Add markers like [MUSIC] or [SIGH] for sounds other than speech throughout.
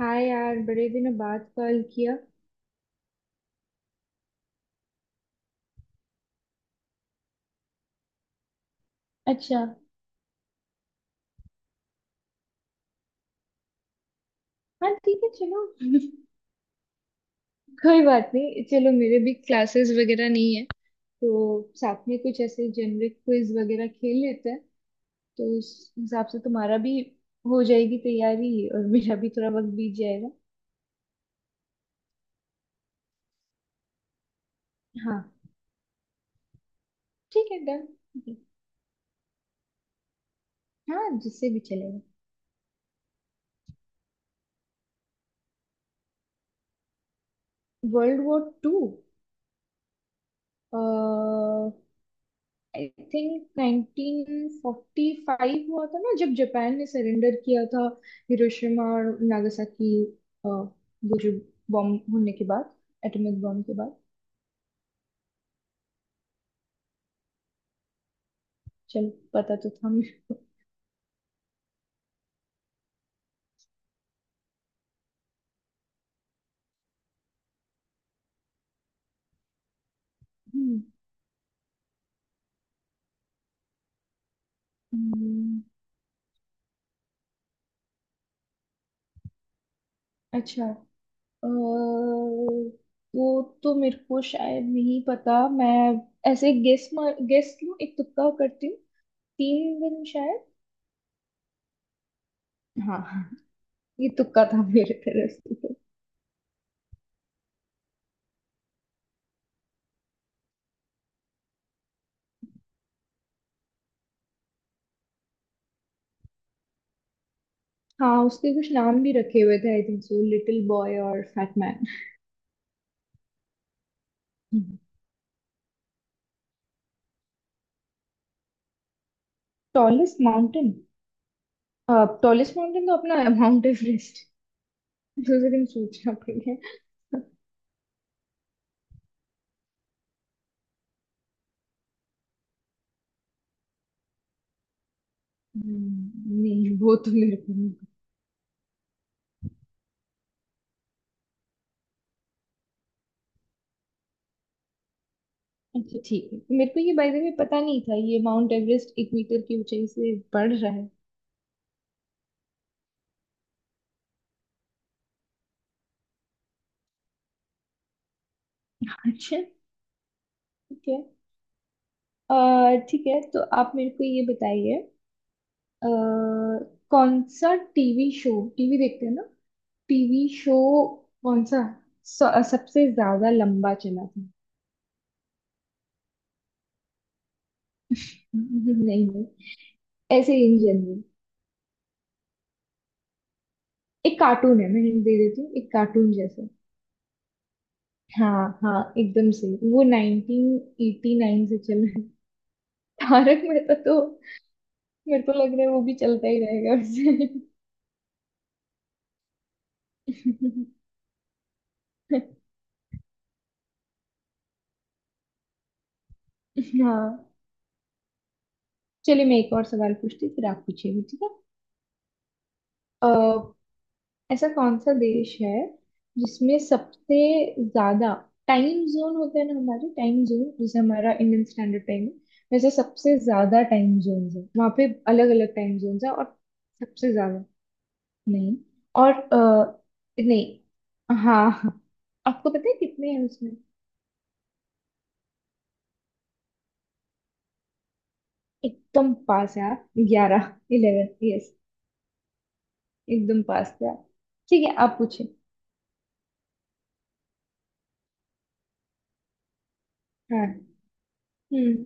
हाँ यार, बड़े दिनों बाद कॉल किया। अच्छा। हाँ, ठीक है, चलो। [LAUGHS] कोई बात नहीं, चलो, मेरे भी क्लासेस वगैरह नहीं है तो साथ में कुछ ऐसे जेनरिक क्विज वगैरह खेल लेते हैं। तो उस हिसाब से तुम्हारा भी हो जाएगी तैयारी और मेरा भी थोड़ा वक्त बीत जाएगा। हाँ, ठीक है, डन। हाँ, जिससे भी चलेगा। World war two. I think 1945 हुआ था ना, जब जापान ने सरेंडर किया था। हिरोशिमा और नागासाकी। वो जो बॉम्ब होने के बाद, एटॉमिक बॉम्ब के बाद। चल, पता तो था मुझे। हम्म। हम्म। अच्छा। अ, वो तो मेरे को शायद नहीं पता, मैं ऐसे गेस लूं, एक तुक्का करती हूँ। 3 दिन शायद। हाँ, ये तुक्का था मेरे तरफ से। हाँ, उसके कुछ नाम भी रखे हुए थे I think so, little boy और fat man. Tallest mountain. Tallest mountain तो अपना है, माउंट एवरेस्ट। दूसरे [LAUGHS] दिन सोचना पड़ेगा। हम्म, नहीं, वो तो मेरे को नहीं पता। अच्छा, ठीक है। मेरे को ये बाय द वे पता नहीं था ये माउंट एवरेस्ट 1 मीटर की ऊंचाई से बढ़ रहा है। अच्छा, ठीक है। अ, ठीक है तो आप मेरे को ये बताइए। अ, कौन सा टीवी शो। टीवी देखते हैं ना? टीवी शो कौन सा सबसे ज्यादा लंबा चला था? [LAUGHS] नहीं नहीं, ऐसे इन जनरल। एक कार्टून है, मैं हिंट दे देती हूँ, एक कार्टून जैसा। हाँ हाँ, एकदम सही। वो 1989 से चल रहा है। तारक मेहता तो मेरे को लग रहा है वो भी चलता ही रहेगा। वैसे। [LAUGHS] हाँ, चलिए मैं एक और सवाल पूछती हूँ, फिर आप पूछिए, ठीक है। अ, ऐसा कौन सा देश है जिसमें सबसे ज्यादा टाइम जोन होते हैं ना, हमारे टाइम जोन जैसे हमारा इंडियन स्टैंडर्ड टाइम है। वैसे सबसे ज्यादा टाइम जोन है वहां पे, अलग अलग टाइम जोन है। और सबसे ज्यादा नहीं। और नहीं। हाँ हाँ। आपको पता है कितने हैं उसमें? एकदम पास है आप। 11। 11, यस। एकदम पास है आप। ठीक है, आप पूछे। हाँ। हम्म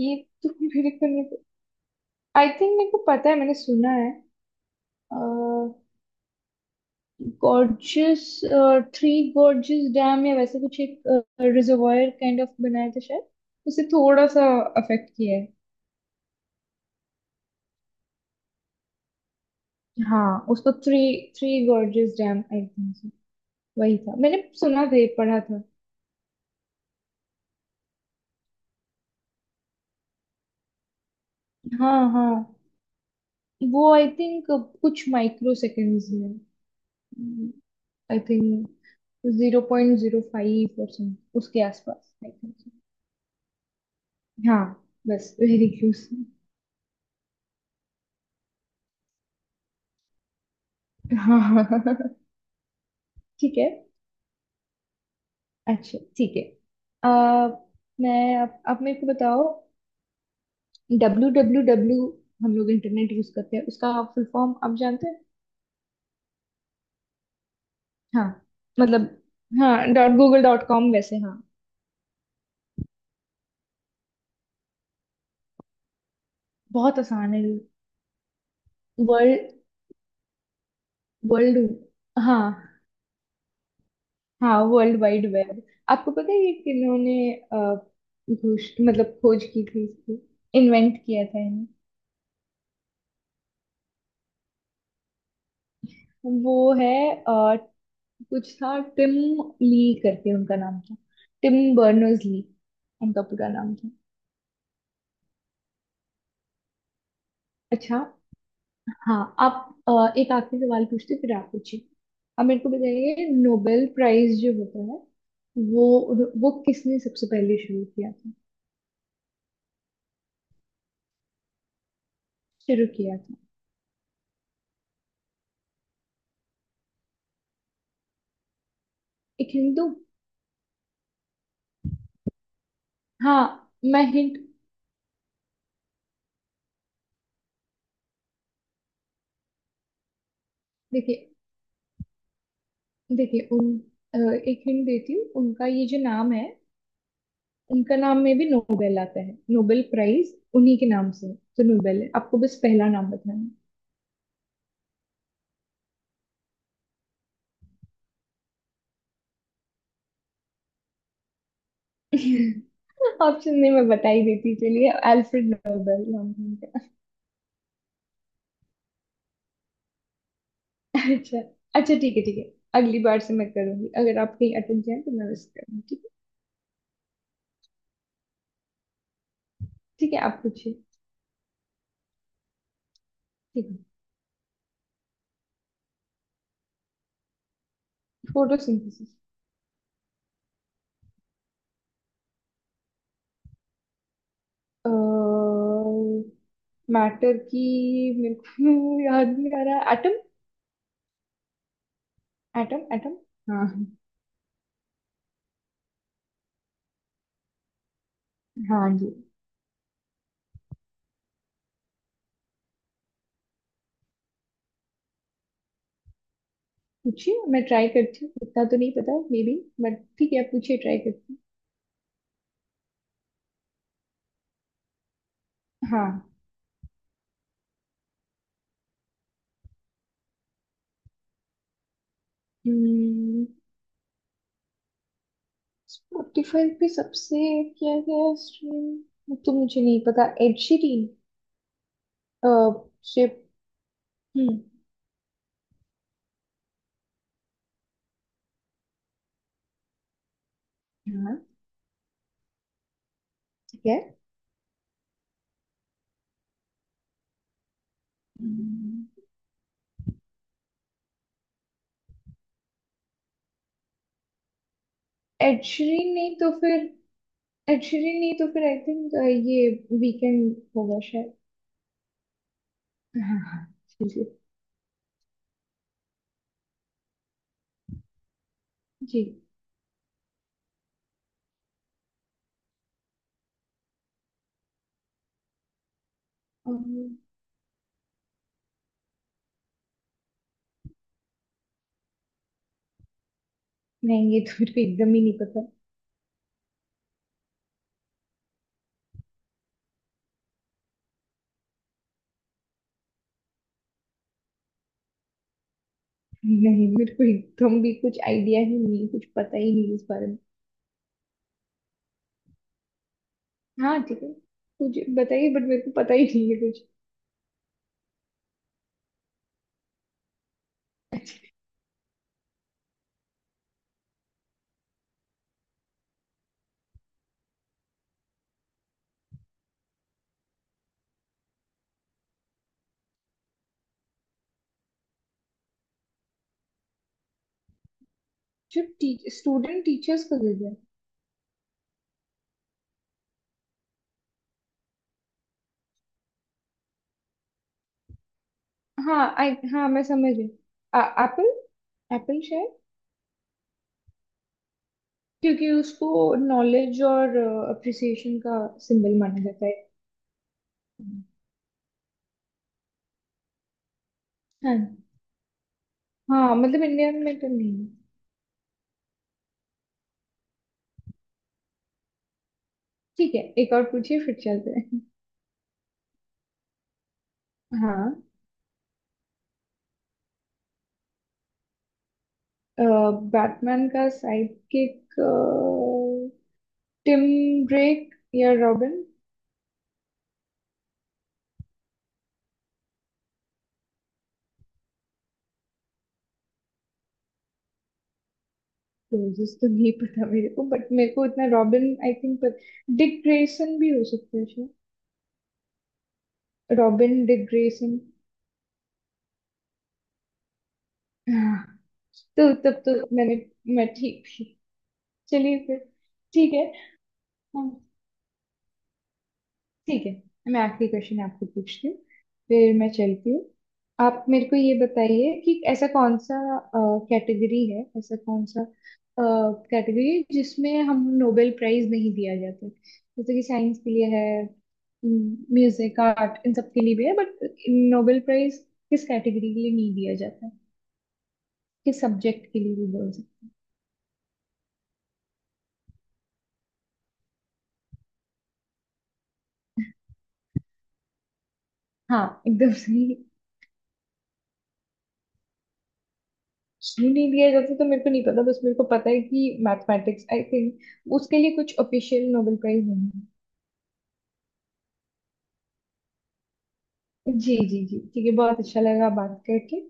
ये तो मेरे को नहीं, आई थिंक मेरे को पता है, मैंने सुना है। गॉर्जियस थ्री गॉर्जियस डैम या वैसे कुछ एक रिजर्वायर काइंड ऑफ बनाया था शायद। उसे थोड़ा सा अफेक्ट किया है। हाँ, उसको three three gorgeous dam I think. वही था, मैंने सुना था, पढ़ा था। हाँ हाँ, वो आई थिंक कुछ माइक्रो सेकेंड्स में, आई थिंक। 0.05% उसके आसपास, आई थिंक। हाँ, बस वेरी क्लोज। हाँ, [LAUGHS] ठीक है। अच्छा, ठीक है। आ, मैं अब मेरे को बताओ। डब्ल्यू डब्ल्यू डब्ल्यू हम लोग इंटरनेट यूज करते हैं, उसका फुल फॉर्म आप जानते हैं? हाँ, मतलब, हाँ डॉट गूगल डॉट कॉम वैसे, हाँ। बहुत आसान है। World, world. हाँ हाँ, वर्ल्ड वाइड वेब। आपको पता है ये किन्होंने घोष, मतलब खोज की थी इसकी, इन्वेंट किया था इन्हें। वो है, कुछ था, टिम ली करके उनका नाम था। टिम बर्नर्स ली उनका पूरा नाम था। अच्छा। हाँ आप, एक आखिरी सवाल पूछते फिर आप पूछिए। अब मेरे को बताइए, नोबेल प्राइज जो होता है, वो किसने सबसे पहले शुरू किया था? शुरू किया था। एक हिंट दूं? हाँ, मैं हिंट देखिए देखिए उन अ, एक हिंट देती हूँ, उनका ये जो नाम है। उनका नाम में भी नोबेल आता है, नोबेल प्राइज उन्हीं के नाम से है। तो नोबेल है, आपको बस पहला नाम बताना है। [LAUGHS] ऑप्शन नहीं, मैं बता ही देती, चलिए, अल्फ्रेड नोबेल नाम है उनका। अच्छा अच्छा, ठीक है, ठीक है। अगली बार से मैं करूंगी, अगर आप कहीं अटक जाए तो मैं मिस करूंगी, ठीक है। ठीक है, आप पूछिए। ठीक है। फोटोसिंथेसिस। मैटर की, मेरे को याद नहीं आ रहा, एटम। Atom, atom. हाँ हाँ जी। पूछिए, मैं ट्राई करती हूँ, इतना तो नहीं पता मे बी, बट ठीक है, आप पूछिए, ट्राई करती हूँ। हाँ। हम्म। स्पॉटिफाई पे सबसे, क्या है, स्ट्रीम तो मुझे नहीं पता। Ed Sheeran. अह शिप। हम्म हाँ, ठीक है। हम्म, एड शीरन नहीं तो फिर एड शीरन नहीं तो फिर आई थिंक ये वीकेंड होगा शायद। हाँ हाँ, चलिए। जी। अम्म, नहीं, ये तो मेरे को एकदम ही नहीं पता। नहीं, मेरे को एकदम भी कुछ आइडिया ही नहीं, कुछ पता ही नहीं इस बारे में। हाँ, ठीक है, कुछ बताइए बट मेरे को पता ही नहीं है कुछ। जो स्टूडेंट टीचर्स का। हाँ, मैं समझ रही हूँ। एप्पल, एप्पल शायद। क्योंकि उसको नॉलेज और अप्रिसिएशन का सिंबल माना जाता है। हाँ हाँ, मतलब इंडिया में तो नहीं। ठीक है, एक और पूछिए फिर चलते हैं। हाँ। बैटमैन का साइड किक, टिम ड्रेक या रॉबिन। क्लोजेस तो नहीं पता मेरे को, बट मेरे को इतना रॉबिन आई थिंक, पर डिक ग्रेसन भी हो सकता है शायद। Robin, Dick Grayson. हाँ, तो तब तो मैं ठीक थी। चलिए फिर। ठीक है। हम ठीक है। मैं आखिरी क्वेश्चन आपको पूछती हूँ, फिर मैं चलती हूँ। आप मेरे को ये बताइए कि ऐसा कौन सा कैटेगरी जिसमें हम नोबेल प्राइज नहीं दिया जाता, जैसे कि साइंस के लिए है। म्यूजिक, आर्ट, इन सब के लिए भी है, बट नोबेल प्राइज किस कैटेगरी के लिए नहीं दिया जाता है? किस सब्जेक्ट के लिए भी बोल सकते हैं। हाँ, एकदम सही। क्यों नहीं दिया जाता, तो मेरे को नहीं पता, बस मेरे को पता है कि मैथमेटिक्स आई थिंक उसके लिए कुछ ऑफिशियल नोबेल प्राइज नहीं है। जी जी जी, ठीक है, बहुत अच्छा लगा बात करके।